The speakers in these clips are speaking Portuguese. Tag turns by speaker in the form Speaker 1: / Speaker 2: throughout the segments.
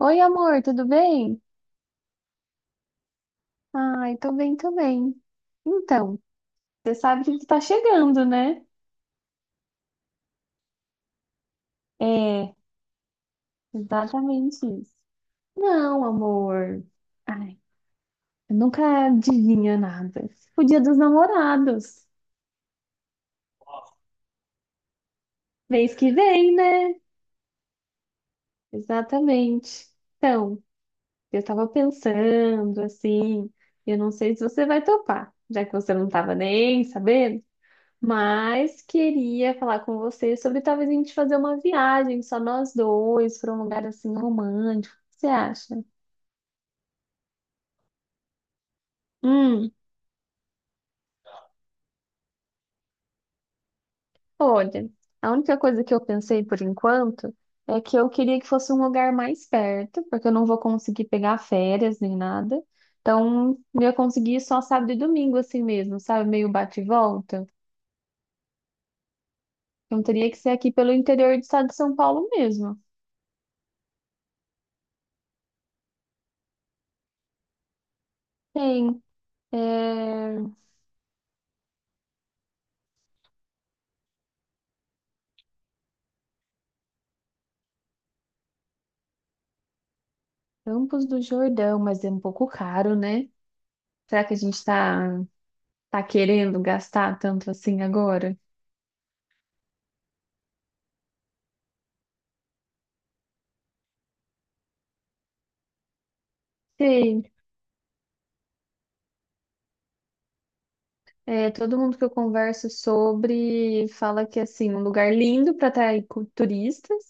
Speaker 1: Oi, amor, tudo bem? Ai, tô bem, tô bem. Então, você sabe que tu tá chegando, né? É, exatamente isso. Não, amor. Ai, eu nunca adivinha nada. O Dia dos Namorados. Mês que vem, né? Exatamente. Então, eu tava pensando assim, eu não sei se você vai topar, já que você não tava nem sabendo. Mas queria falar com você sobre talvez a gente fazer uma viagem, só nós dois, para um lugar assim romântico. O que você acha? Hum, olha, a única coisa que eu pensei por enquanto é que eu queria que fosse um lugar mais perto, porque eu não vou conseguir pegar férias nem nada. Então, eu ia conseguir ir só sábado e domingo assim mesmo, sabe? Meio bate e volta. Então, teria que ser aqui pelo interior do estado de São Paulo mesmo. Tem, é, Campos do Jordão, mas é um pouco caro, né? Será que a gente tá querendo gastar tanto assim agora? Sei. É, todo mundo que eu converso sobre fala que assim, um lugar lindo para atrair turistas,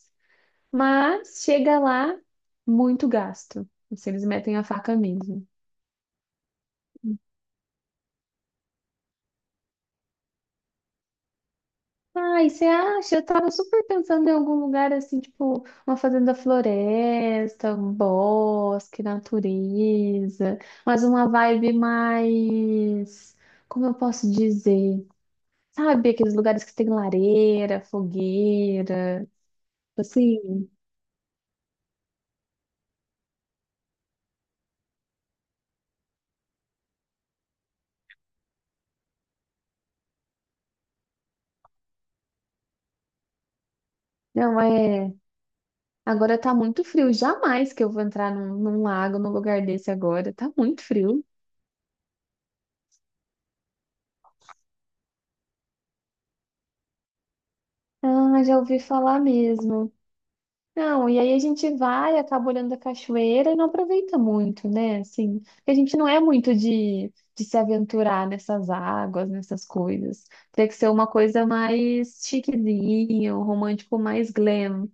Speaker 1: mas chega lá muito gasto. Assim, eles metem a faca mesmo. Ai, você acha? Eu tava super pensando em algum lugar assim, tipo, uma fazenda floresta, um bosque, natureza, mas uma vibe mais, como eu posso dizer? Sabe, aqueles lugares que tem lareira, fogueira, tipo assim, não é. Agora tá muito frio, jamais que eu vou entrar num lago, num lugar desse agora, tá muito frio. Ah, já ouvi falar mesmo. Não, e aí a gente vai, acaba olhando a cachoeira e não aproveita muito, né? Assim, porque a gente não é muito de se aventurar nessas águas, nessas coisas. Tem que ser uma coisa mais chiquezinha, um romântico mais glam.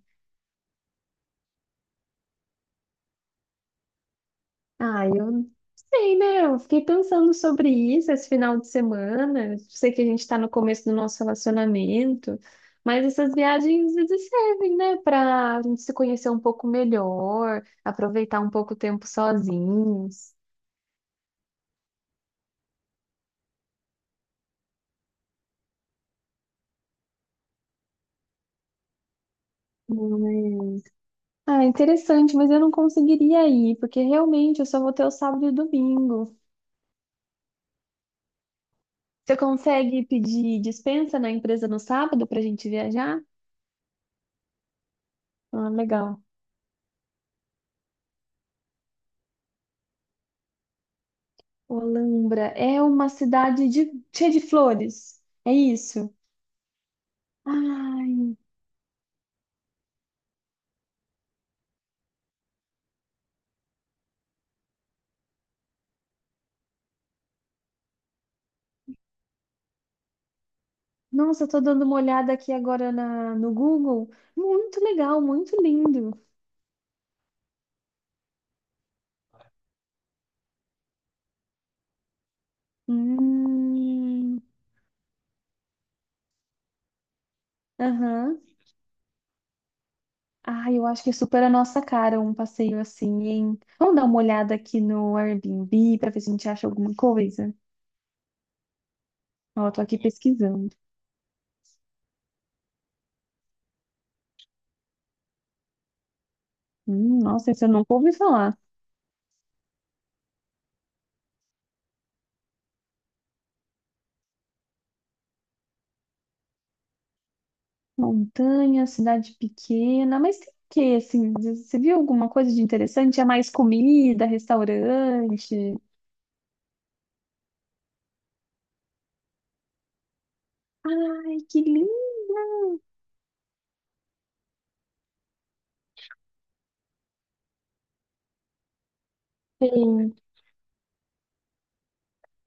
Speaker 1: Ah, eu sei, né? Eu fiquei pensando sobre isso esse final de semana. Eu sei que a gente está no começo do nosso relacionamento, mas essas viagens às vezes servem, né? Para a gente se conhecer um pouco melhor, aproveitar um pouco o tempo sozinhos. Mas- Ah, interessante, mas eu não conseguiria ir, porque realmente eu só vou ter o sábado e domingo. Você consegue pedir dispensa na empresa no sábado para a gente viajar? Ah, legal. Olambra é uma cidade de- cheia de flores. É isso? Ai, nossa, eu tô dando uma olhada aqui agora na, no Google. Muito legal, muito lindo. Hum, aham. Ai, eu acho que é super a nossa cara um passeio assim, hein? Vamos dar uma olhada aqui no Airbnb para ver se a gente acha alguma coisa. Ó, eu tô aqui pesquisando. Nossa, esse eu nunca ouvi falar. Montanha, cidade pequena, mas tem o quê, assim? Você viu alguma coisa de interessante? É mais comida, restaurante? Ai, que lindo! Hein?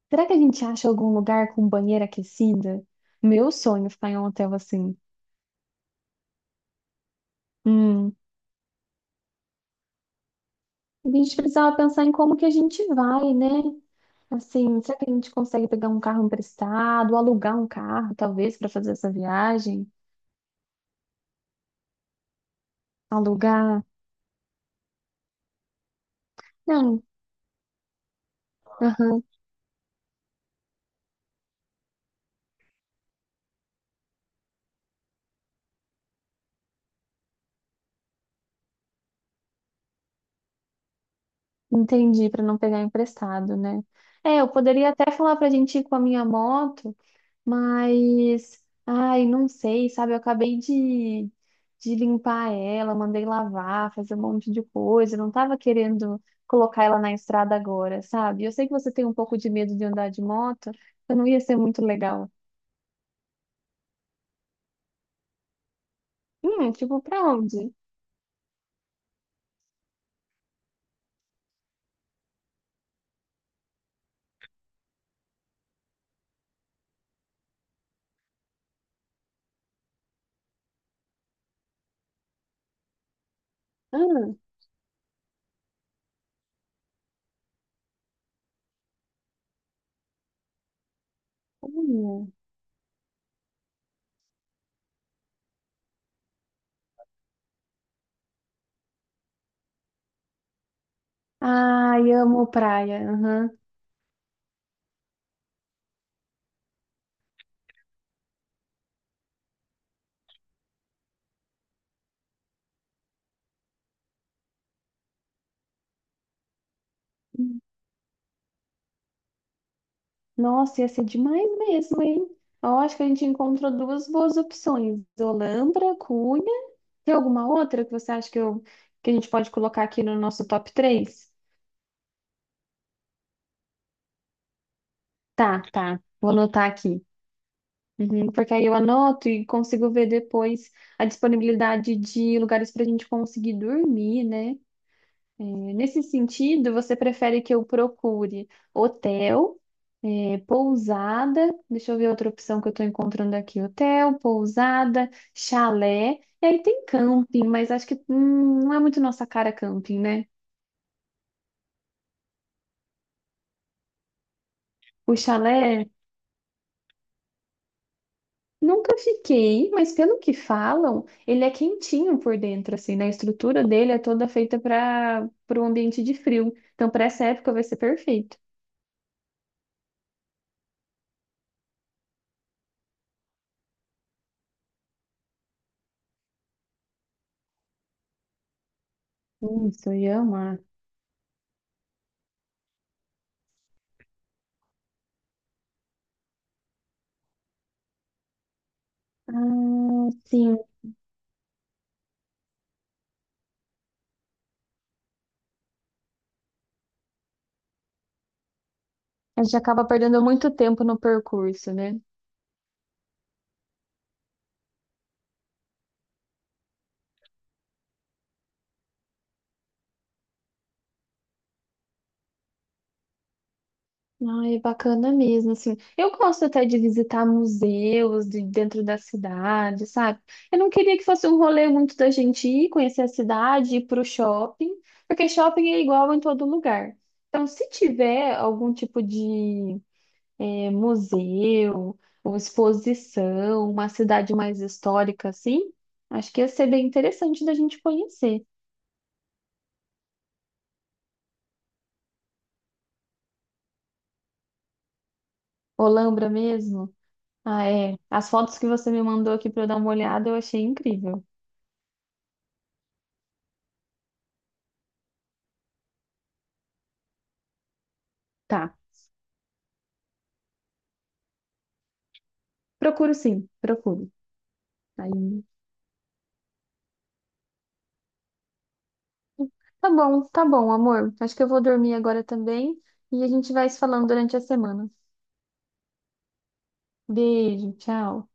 Speaker 1: Será que a gente acha algum lugar com banheira aquecida? Meu sonho é ficar em um hotel assim. Hum. A gente precisava pensar em como que a gente vai, né? Assim, será que a gente consegue pegar um carro emprestado, alugar um carro, talvez, para fazer essa viagem? Alugar? Não. Entendi, para não pegar emprestado, né? É, eu poderia até falar pra gente ir com a minha moto, mas ai, não sei, sabe? Eu acabei de limpar ela, mandei lavar, fazer um monte de coisa, não tava querendo colocar ela na estrada agora, sabe? Eu sei que você tem um pouco de medo de andar de moto, então não ia ser muito legal. Tipo, pra onde? Ah, olha. Ai, amo praia. Aham. Nossa, ia ser demais mesmo, hein? Eu acho que a gente encontrou duas boas opções: Olambra, Cunha. Tem alguma outra que você acha que a gente pode colocar aqui no nosso top três. Tá, tá. Vou anotar aqui. Uhum, porque aí eu anoto e consigo ver depois a disponibilidade de lugares para a gente conseguir dormir, né? É, nesse sentido, você prefere que eu procure hotel, é, pousada, deixa eu ver outra opção que eu estou encontrando aqui, hotel, pousada, chalé, e aí tem camping, mas acho que não é muito nossa cara camping, né? O chalé, nunca fiquei, mas pelo que falam, ele é quentinho por dentro, assim, né? A estrutura dele é toda feita para um ambiente de frio, então para essa época vai ser perfeito. Isso, eu ia amar. Ah, sim. A gente acaba perdendo muito tempo no percurso, né? Ai, é bacana mesmo, assim. Eu gosto até de visitar museus de dentro da cidade, sabe? Eu não queria que fosse um rolê muito da gente ir conhecer a cidade, ir pro shopping, porque shopping é igual em todo lugar. Então, se tiver algum tipo de museu ou exposição, uma cidade mais histórica, assim, acho que ia ser bem interessante da gente conhecer. Olambra mesmo. Ah, é. As fotos que você me mandou aqui pra eu dar uma olhada, eu achei incrível. Tá. Procuro sim, procuro. Aí. Tá bom, amor. Acho que eu vou dormir agora também e a gente vai se falando durante a semana. Beijo, tchau.